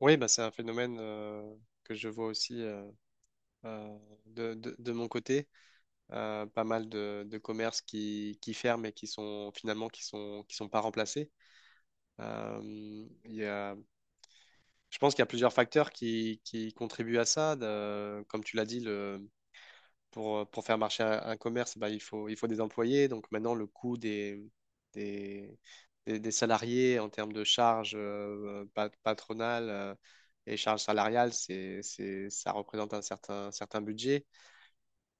Oui, bah, c'est un phénomène que je vois aussi euh, euh, de, de, de mon côté. Pas mal de commerces qui ferment et qui sont finalement qui sont pas remplacés. Euh, il y a, je pense qu'il y a plusieurs facteurs qui contribuent à ça. Comme tu l'as dit, pour faire marcher un commerce, bah, il faut des employés. Donc maintenant, le coût des, des salariés en termes de charges patronales et charges salariales, ça représente un certain budget.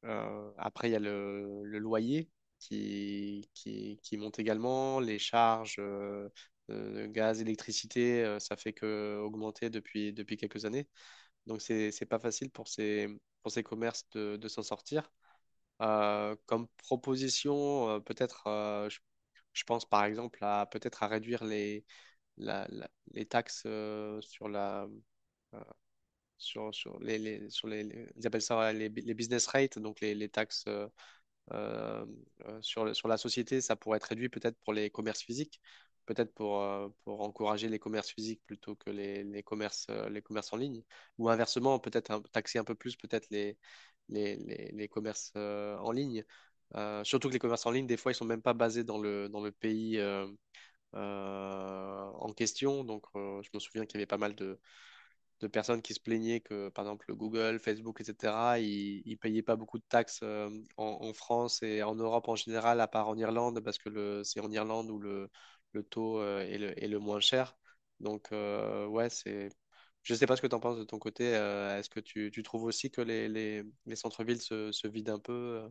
Après, il y a le loyer qui monte également, les charges. Gaz, électricité, ça fait que augmenter depuis quelques années. Donc, c'est pas facile pour pour ces commerces de s'en sortir. Comme proposition, je pense par exemple à peut-être à réduire les taxes sur la sur, sur les- ils appellent ça ouais, les business rates, donc les taxes euh, sur, sur la société, ça pourrait être réduit peut-être pour les commerces physiques, peut-être pour encourager les commerces physiques plutôt que les commerces en ligne, ou inversement, taxer un peu plus peut-être les commerces en ligne. Surtout que les commerces en ligne, des fois, ils sont même pas basés dans dans le pays en question. Donc, je me souviens qu'il y avait pas mal de personnes qui se plaignaient que, par exemple, Google, Facebook, etc., ils ne payaient pas beaucoup de taxes en France et en Europe en général, à part en Irlande, parce que le, c'est en Irlande le taux est le moins cher. Donc, ouais, c'est… Je ne sais pas ce que tu en penses de ton côté. Tu trouves aussi que les centres-villes se vident un peu?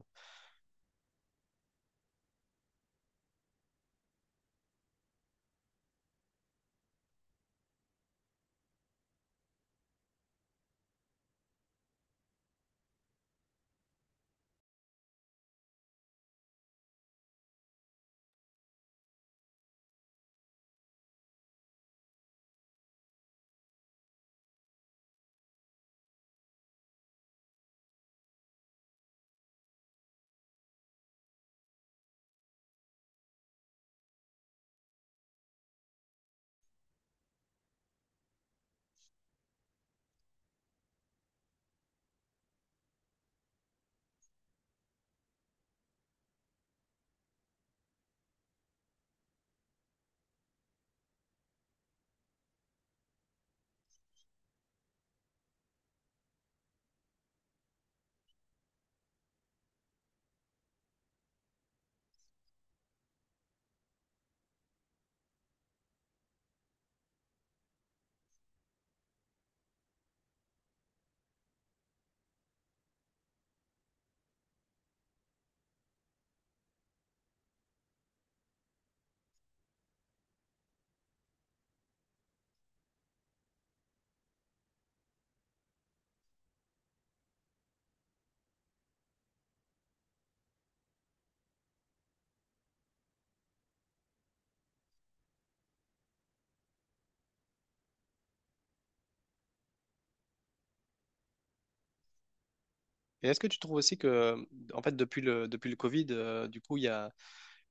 Et est-ce que tu trouves aussi que, en fait, depuis le Covid, du coup, il y a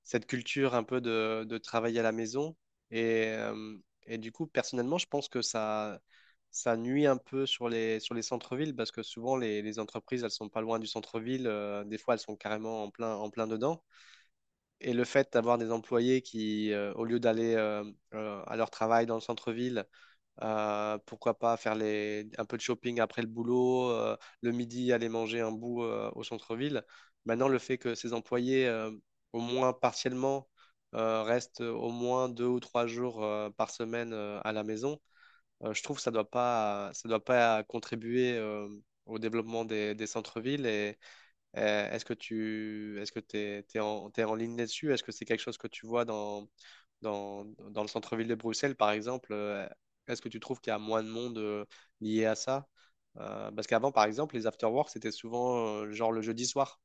cette culture un peu de travailler à la maison. Et, euh, et du coup, personnellement, je pense que ça nuit un peu sur sur les centres-villes parce que souvent, les entreprises, elles sont pas loin du centre-ville. Euh, des fois, elles sont carrément en en plein dedans. Et le fait d'avoir des employés qui, au lieu d'aller à leur travail dans le centre-ville, pourquoi pas faire un peu de shopping après le boulot, le midi aller manger un bout au centre-ville. Maintenant, le fait que ces employés, au moins partiellement, restent au moins deux ou trois jours par semaine à la maison, je trouve que ça doit pas contribuer au développement des centres-villes. Euh, Est-ce que tu est-ce que t'es, t'es en, t'es en ligne là-dessus? Est-ce que c'est quelque chose que tu vois dans, dans le centre-ville de Bruxelles, par exemple? Est-ce que tu trouves qu'il y a moins de monde lié à ça? Parce qu'avant, par exemple, les after-work, c'était souvent genre le jeudi soir.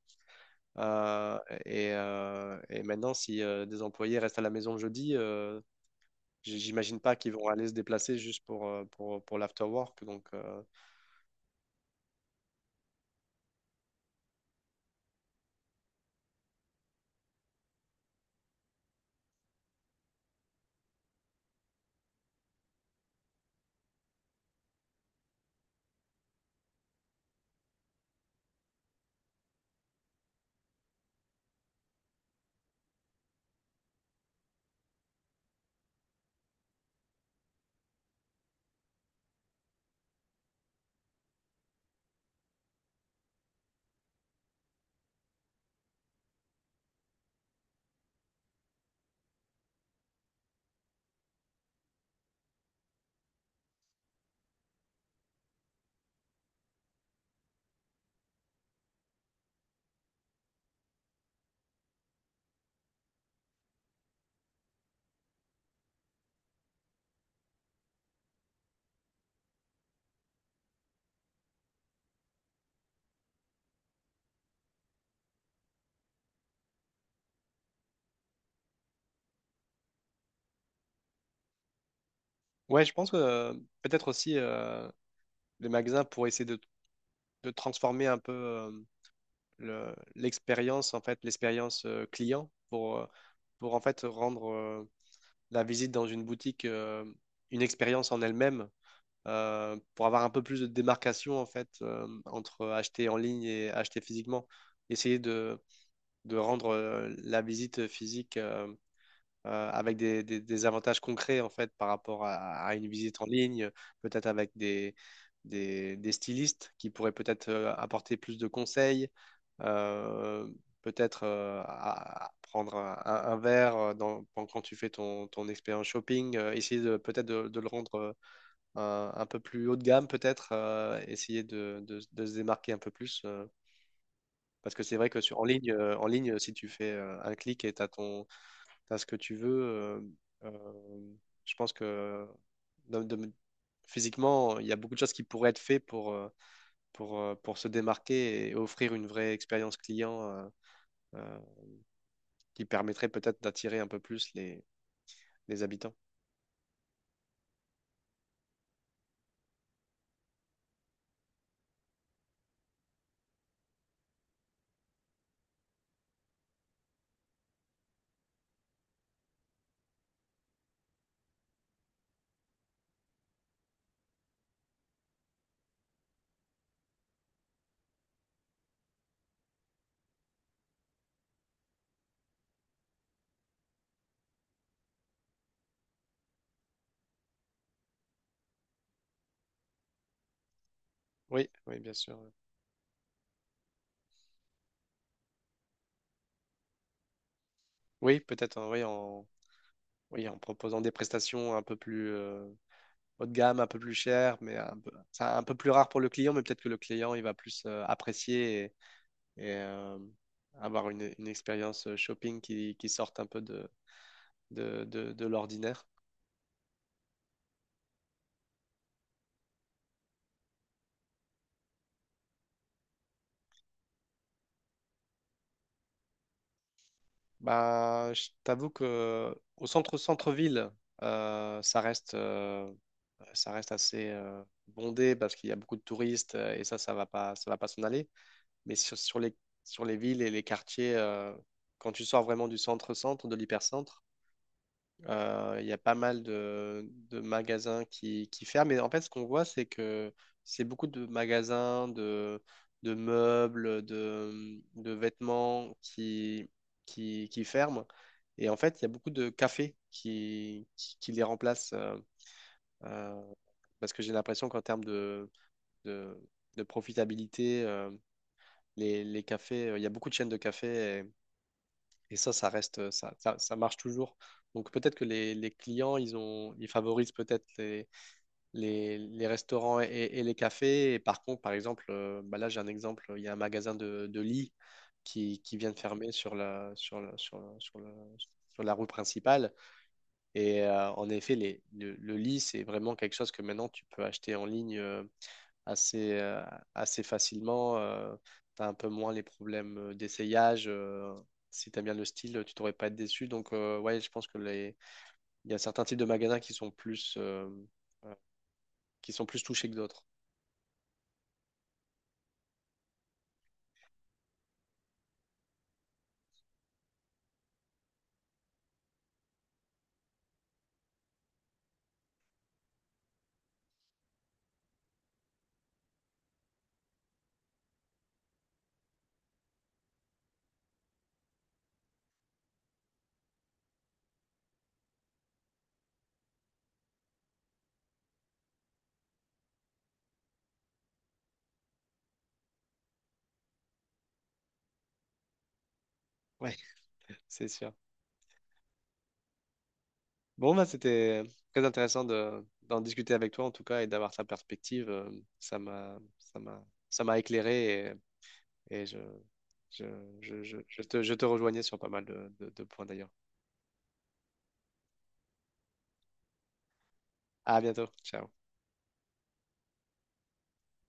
Euh, et maintenant, si des employés restent à la maison le jeudi, j'imagine pas qu'ils vont aller se déplacer juste pour l'after-work. Donc, ouais, je pense que peut-être aussi les magasins pour essayer de transformer un peu l'expérience, en fait, l'expérience client pour en fait rendre la visite dans une boutique une expérience en elle-même, pour avoir un peu plus de démarcation en fait entre acheter en ligne et acheter physiquement. Essayer de rendre la visite physique avec des avantages concrets en fait par rapport à une visite en ligne, peut-être avec des stylistes qui pourraient peut-être apporter plus de conseils, euh, peut-être à prendre un verre quand tu fais ton expérience shopping, essayer de peut-être de le rendre un peu plus haut de gamme, peut-être essayer de se démarquer un peu plus. Parce que c'est vrai que sur, en ligne, si tu fais un clic et tu as ce que tu veux. Euh, je pense que de- de- physiquement, il y a beaucoup de choses qui pourraient être faites pour, pour se démarquer et offrir une vraie expérience client euh, qui permettrait peut-être d'attirer un peu plus les habitants. Oui, oui, bien sûr. Oui, peut-être en, oui, en, oui, en proposant des prestations un peu plus haut de gamme, un peu plus chères, mais un peu, ça, un peu plus rare pour le client, mais peut-être que le client, il va plus apprécier et euh, avoir une expérience qui sorte un peu de l'ordinaire. Bah, je t'avoue que au centre centre-ville, euh, ça reste euh, ça reste assez bondé parce qu'il y a beaucoup de touristes et ça va pas s'en aller. Mais sur les villes et les quartiers, quand tu sors vraiment du centre-centre, de l'hypercentre. Il y a pas mal de magasins qui ferment. Mais en fait, ce qu'on voit, c'est que c'est beaucoup de magasins, de meubles, de vêtements qui ferment. Et en fait, il y a beaucoup de cafés qui les remplacent. Euh, parce que j'ai l'impression qu'en termes de, de profitabilité, les cafés, il y a beaucoup de chaînes de cafés et ça reste, ça marche toujours. Donc peut-être que les clients, ils favorisent peut-être les restaurants et les cafés. Et par contre, par exemple, bah là, j'ai un exemple, il y a un magasin de lits qui vient de fermer sur la rue principale. Et en effet, le lit, c'est vraiment quelque chose que maintenant, tu peux acheter en ligne. Assez, euh, Assez facilement. Euh, t'as un peu moins les problèmes d'essayage. Euh, si t'aimes bien le style, tu t'aurais pas être déçu. Donc, ouais, je pense que les… il y a certains types de magasins qui sont plus touchés que d'autres. Ouais, c'est sûr. Bon, bah, c'était très intéressant d'en discuter avec toi, en tout cas, et d'avoir ta perspective. Ça m'a, ça m'a, Ça m'a éclairé et, et je, je, je te rejoignais sur pas mal de points d'ailleurs. À bientôt. Ciao.